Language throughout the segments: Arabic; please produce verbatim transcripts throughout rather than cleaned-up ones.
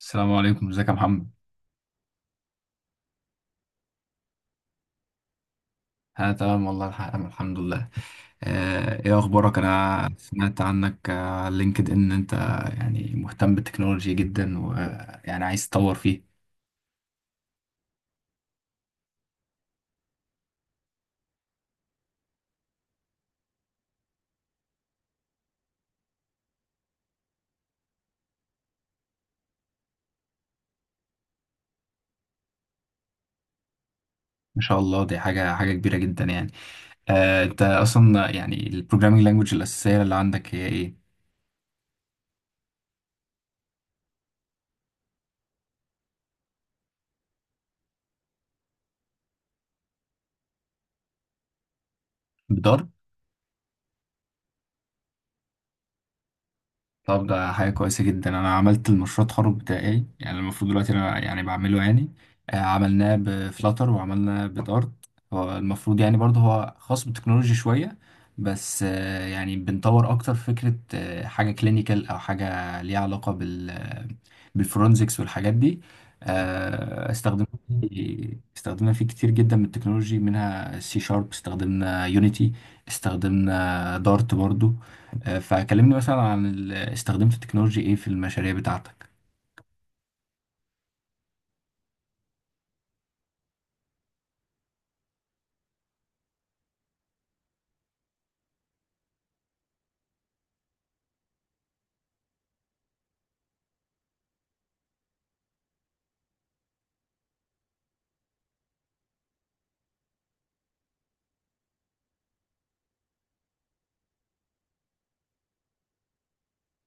السلام عليكم، ازيك يا محمد؟ انا تمام والله. الح- أنا الحمد لله. آه، ايه اخبارك؟ انا سمعت عنك آه، على لينكد ان انت يعني مهتم بالتكنولوجيا جدا ويعني عايز تطور فيه. ما شاء الله، دي حاجه حاجه كبيره جدا يعني. آه، انت اصلا يعني البروجرامينج لانجوج الاساسيه اللي عندك هي ايه؟ طب ده حاجة كويسة جدا. أنا عملت المشروع التخرج بتاعي، يعني المفروض دلوقتي أنا يعني بعمله يعني. آه، عملناه بفلاتر وعملناه بدارت. هو المفروض يعني برضه هو خاص بالتكنولوجي شوية، بس آه، يعني بنطور أكتر فكرة، آه، حاجة كلينيكال أو حاجة ليها علاقة بال بالفورنزكس والحاجات دي. آه، استخدمنا فيه استخدمنا فيه كتير جدا من التكنولوجي، منها سي شارب، استخدمنا يونيتي، استخدمنا دارت برضو. آه، فكلمني مثلا عن ال- استخدمت التكنولوجي ايه في المشاريع بتاعتك؟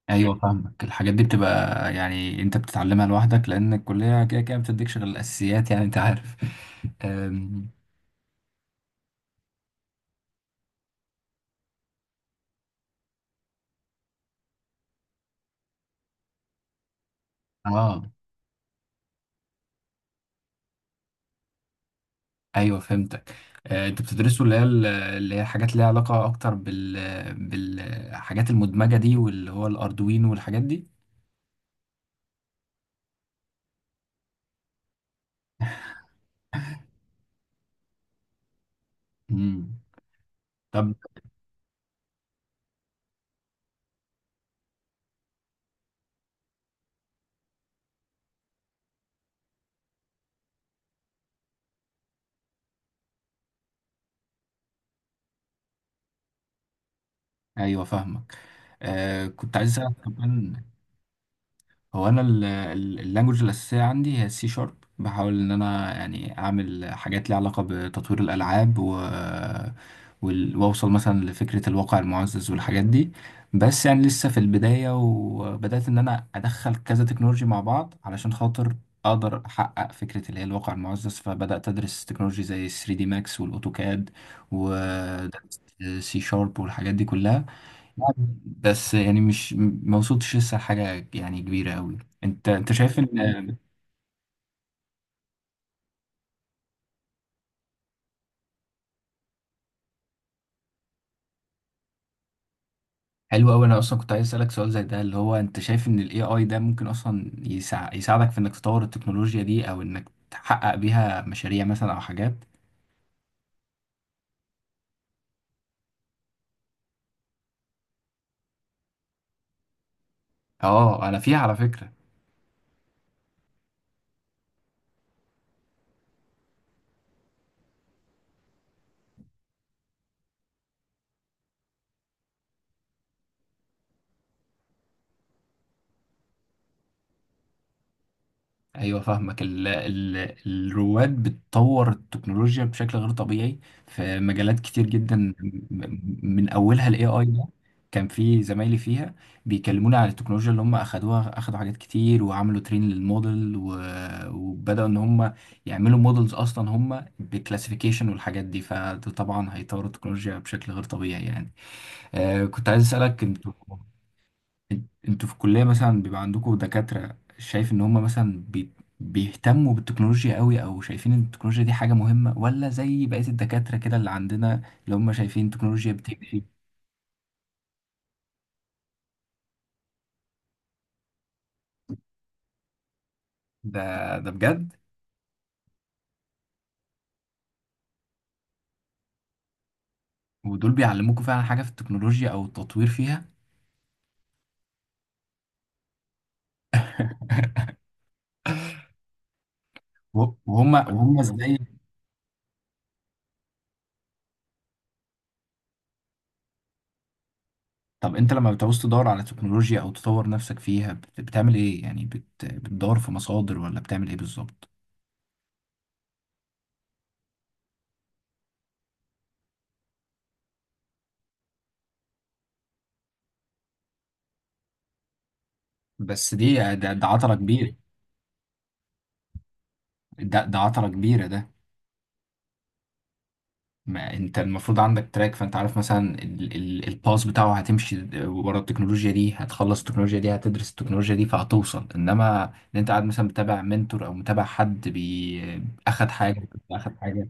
ايوه فاهمك. الحاجات دي بتبقى يعني انت بتتعلمها لوحدك، لان الكليه كده كده ما بتديكش غير الاساسيات، يعني انت عارف. آم، اه، ايوه فهمتك. آه، انتوا بتدرسوا اللي هي ال- اللي هي حاجات ليها علاقه اكتر بال بالحاجات المدمجه دي، واللي هو الاردوينو والحاجات دي. امم طب، ايوه فاهمك. آه كنت عايز اسالك كمان. هو انا اللانجوج الاساسيه عندي هي السي شارب. بحاول ان انا يعني اعمل حاجات ليها علاقه بتطوير الالعاب و وال- واوصل مثلا لفكره الواقع المعزز والحاجات دي. بس يعني لسه في البدايه، وبدات ان انا ادخل كذا تكنولوجي مع بعض علشان خاطر اقدر احقق فكره اللي هي الواقع المعزز. فبدات ادرس تكنولوجي زي ثري دي ماكس والاوتوكاد، ودرست سي شارب والحاجات دي كلها. بس يعني مش ما وصلتش لسه لحاجة يعني كبيرة قوي. انت انت شايف ان حلو قوي. انا اصلا كنت عايز اسالك سؤال زي ده، اللي هو انت شايف ان الاي اي ده ممكن اصلا يسع... يساعدك في انك تطور التكنولوجيا دي او انك تحقق بيها مشاريع مثلا او حاجات؟ اه، انا فيها على فكرة. ايوه فاهمك. ال ال الرواد بتطور التكنولوجيا بشكل غير طبيعي في مجالات كتير جدا. م- م- من اولها الاي اي ده. كان في زمايلي فيها بيكلموني على التكنولوجيا اللي هم اخدوها، اخدوا حاجات كتير، وعملوا ترين للموديل، و- وبداوا ان هم يعملوا موديلز اصلا هم بكلاسيفيكيشن والحاجات دي. فده طبعا هيطوروا التكنولوجيا بشكل غير طبيعي يعني. آه كنت عايز اسالك، انت انتوا في الكلية مثلا بيبقى عندكم دكاترة شايف ان هم مثلا بي... بيهتموا بالتكنولوجيا قوي، او شايفين ان التكنولوجيا دي حاجة مهمة، ولا زي بقية الدكاترة كده اللي عندنا اللي هم شايفين التكنولوجيا بتمشي؟ ده ده بجد. ودول بيعلموكوا فعلا حاجة في التكنولوجيا او التطوير فيها؟ و- وهم وهم ازاي؟ طب انت لما بتعوز تدور على تكنولوجيا او تطور نفسك فيها بت- بتعمل ايه يعني؟ بت... بتدور في مصادر ولا بتعمل ايه بالظبط؟ بس دي ده, ده عطلة كبيرة. ده, ده عطلة كبيرة ده. ما انت المفروض عندك تراك، فانت عارف مثلا ال- ال- الباس بتاعه. هتمشي ورا التكنولوجيا دي، هتخلص التكنولوجيا دي، هتدرس التكنولوجيا دي، فهتوصل. انما ان انت قاعد مثلا متابع منتور او متابع حد بي آه، اخد حاجه اخد حاجه؟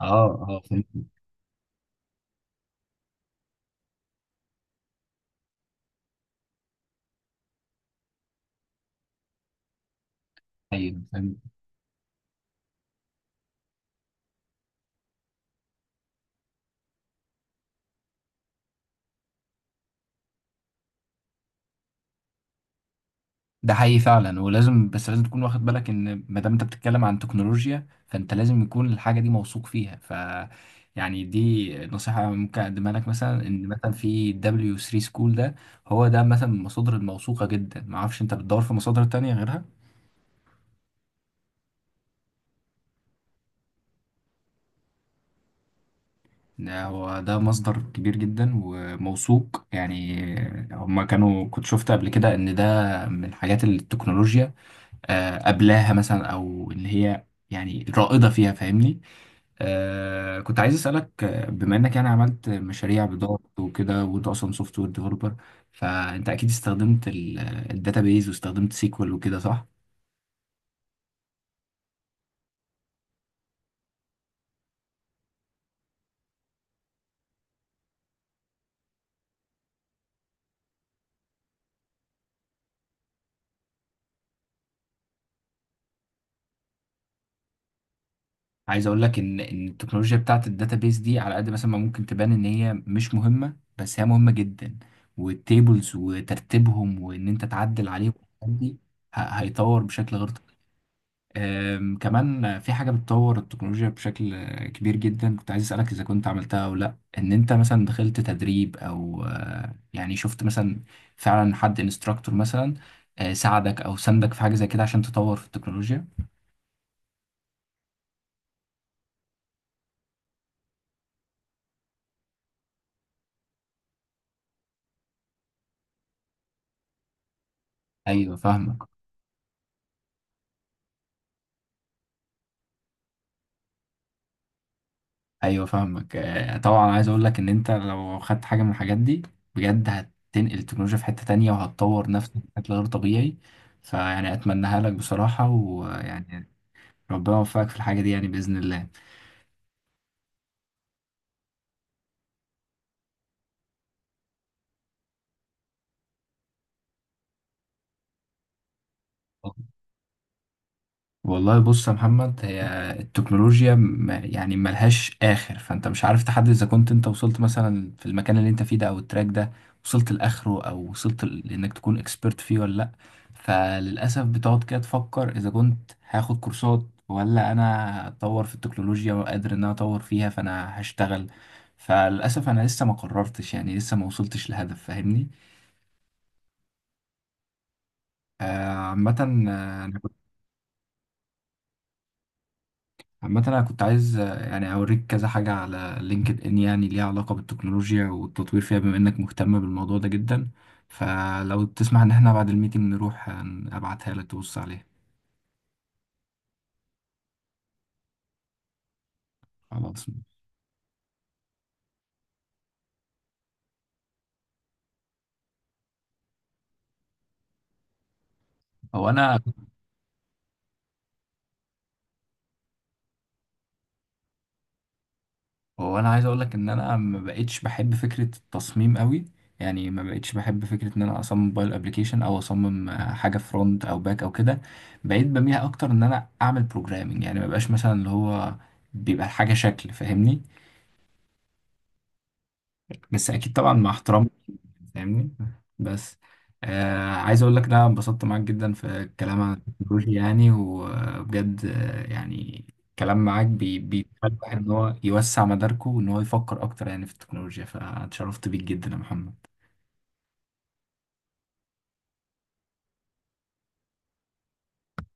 اه اه فهمت. ايوه ده حقيقي فعلا. ولازم، بس لازم تكون واخد بالك ان ما دام انت بتتكلم عن تكنولوجيا فانت لازم يكون الحاجه دي موثوق فيها. ف يعني دي نصيحه ممكن اقدمها لك، مثلا ان مثلا في دبليو ثلاثة سكول ده. هو ده مثلا من المصادر الموثوقه جدا، ما اعرفش انت بتدور في مصادر تانية غيرها. ده هو ده مصدر كبير جدا وموثوق يعني. هما كانوا كنت شفت قبل كده ان ده من حاجات التكنولوجيا آه، قبلها مثلا او اللي هي يعني رائده فيها، فاهمني. آه كنت عايز اسالك، آه، بما انك يعني عملت مشاريع بضغط وكده، وانت اصلا سوفت وير ديفلوبر، فانت اكيد استخدمت الداتابيز واستخدمت سيكوال وكده، صح؟ عايز اقول لك ان ان التكنولوجيا بتاعت الداتابيز دي على قد مثلا ما ممكن تبان ان هي مش مهمه، بس هي مهمه جدا. والتيبلز وترتيبهم وان انت تعدل عليهم والحاجات دي ه- هيطور بشكل غير. أم، كمان في حاجة بتطور التكنولوجيا بشكل آه، كبير جدا. كنت عايز أسألك، إذا كنت عملتها أو لأ، إن أنت مثلا دخلت تدريب، أو آه، يعني شفت مثلا فعلا حد انستراكتور مثلا آه، ساعدك أو ساندك في حاجة زي كده عشان تطور في التكنولوجيا؟ أيوة فاهمك. أيوة فاهمك. آه، طبعا عايز أقول لك إن أنت لو خدت حاجة من الحاجات دي بجد هتنقل التكنولوجيا في حتة تانية وهتطور نفسك بشكل غير طبيعي. فيعني أتمناها لك بصراحة، ويعني ربنا يوفقك في الحاجة دي يعني بإذن الله. والله بص يا محمد، هي التكنولوجيا م- يعني ملهاش آخر. فأنت مش عارف تحدد إذا كنت أنت وصلت مثلا في المكان اللي أنت فيه ده أو التراك ده وصلت لآخره، أو وصلت ل- لإنك تكون إكسبرت فيه ولا لأ. فللأسف بتقعد كده تفكر إذا كنت هاخد كورسات ولا أنا أتطور في التكنولوجيا وقادر إن أنا أطور فيها فأنا هشتغل. فللأسف أنا لسه ما قررتش يعني، لسه ما وصلتش لهدف، فاهمني. آه، عامة آه، أنا عامة أنا كنت عايز آه، يعني أوريك كذا حاجة على لينكد إن يعني ليها علاقة بالتكنولوجيا والتطوير فيها، بما إنك مهتم بالموضوع ده جدا. فلو تسمح إن إحنا بعد الميتنج نروح آه، أبعتها لك تبص عليها. خلاص. هو أنا هو أنا عايز أقول لك إن أنا ما بقتش بحب فكرة التصميم قوي. يعني ما بقتش بحب فكرة إن أنا أصمم موبايل أبليكيشن أو أصمم آه، حاجة فرونت أو باك أو كده. بقيت بميل أكتر إن أنا أعمل بروجرامينج. يعني ما بقاش مثلا اللي هو بيبقى الحاجة شكل، فاهمني. بس أكيد طبعا مع احترام. فاهمني. بس آه عايز اقول لك، لا انبسطت معاك جدا في الكلام عن التكنولوجيا يعني. وبجد آه، يعني الكلام معاك بي- بيخلي الواحد ان هو يوسع مداركه وان هو يفكر اكتر يعني في التكنولوجيا. فاتشرفت بيك جدا يا محمد.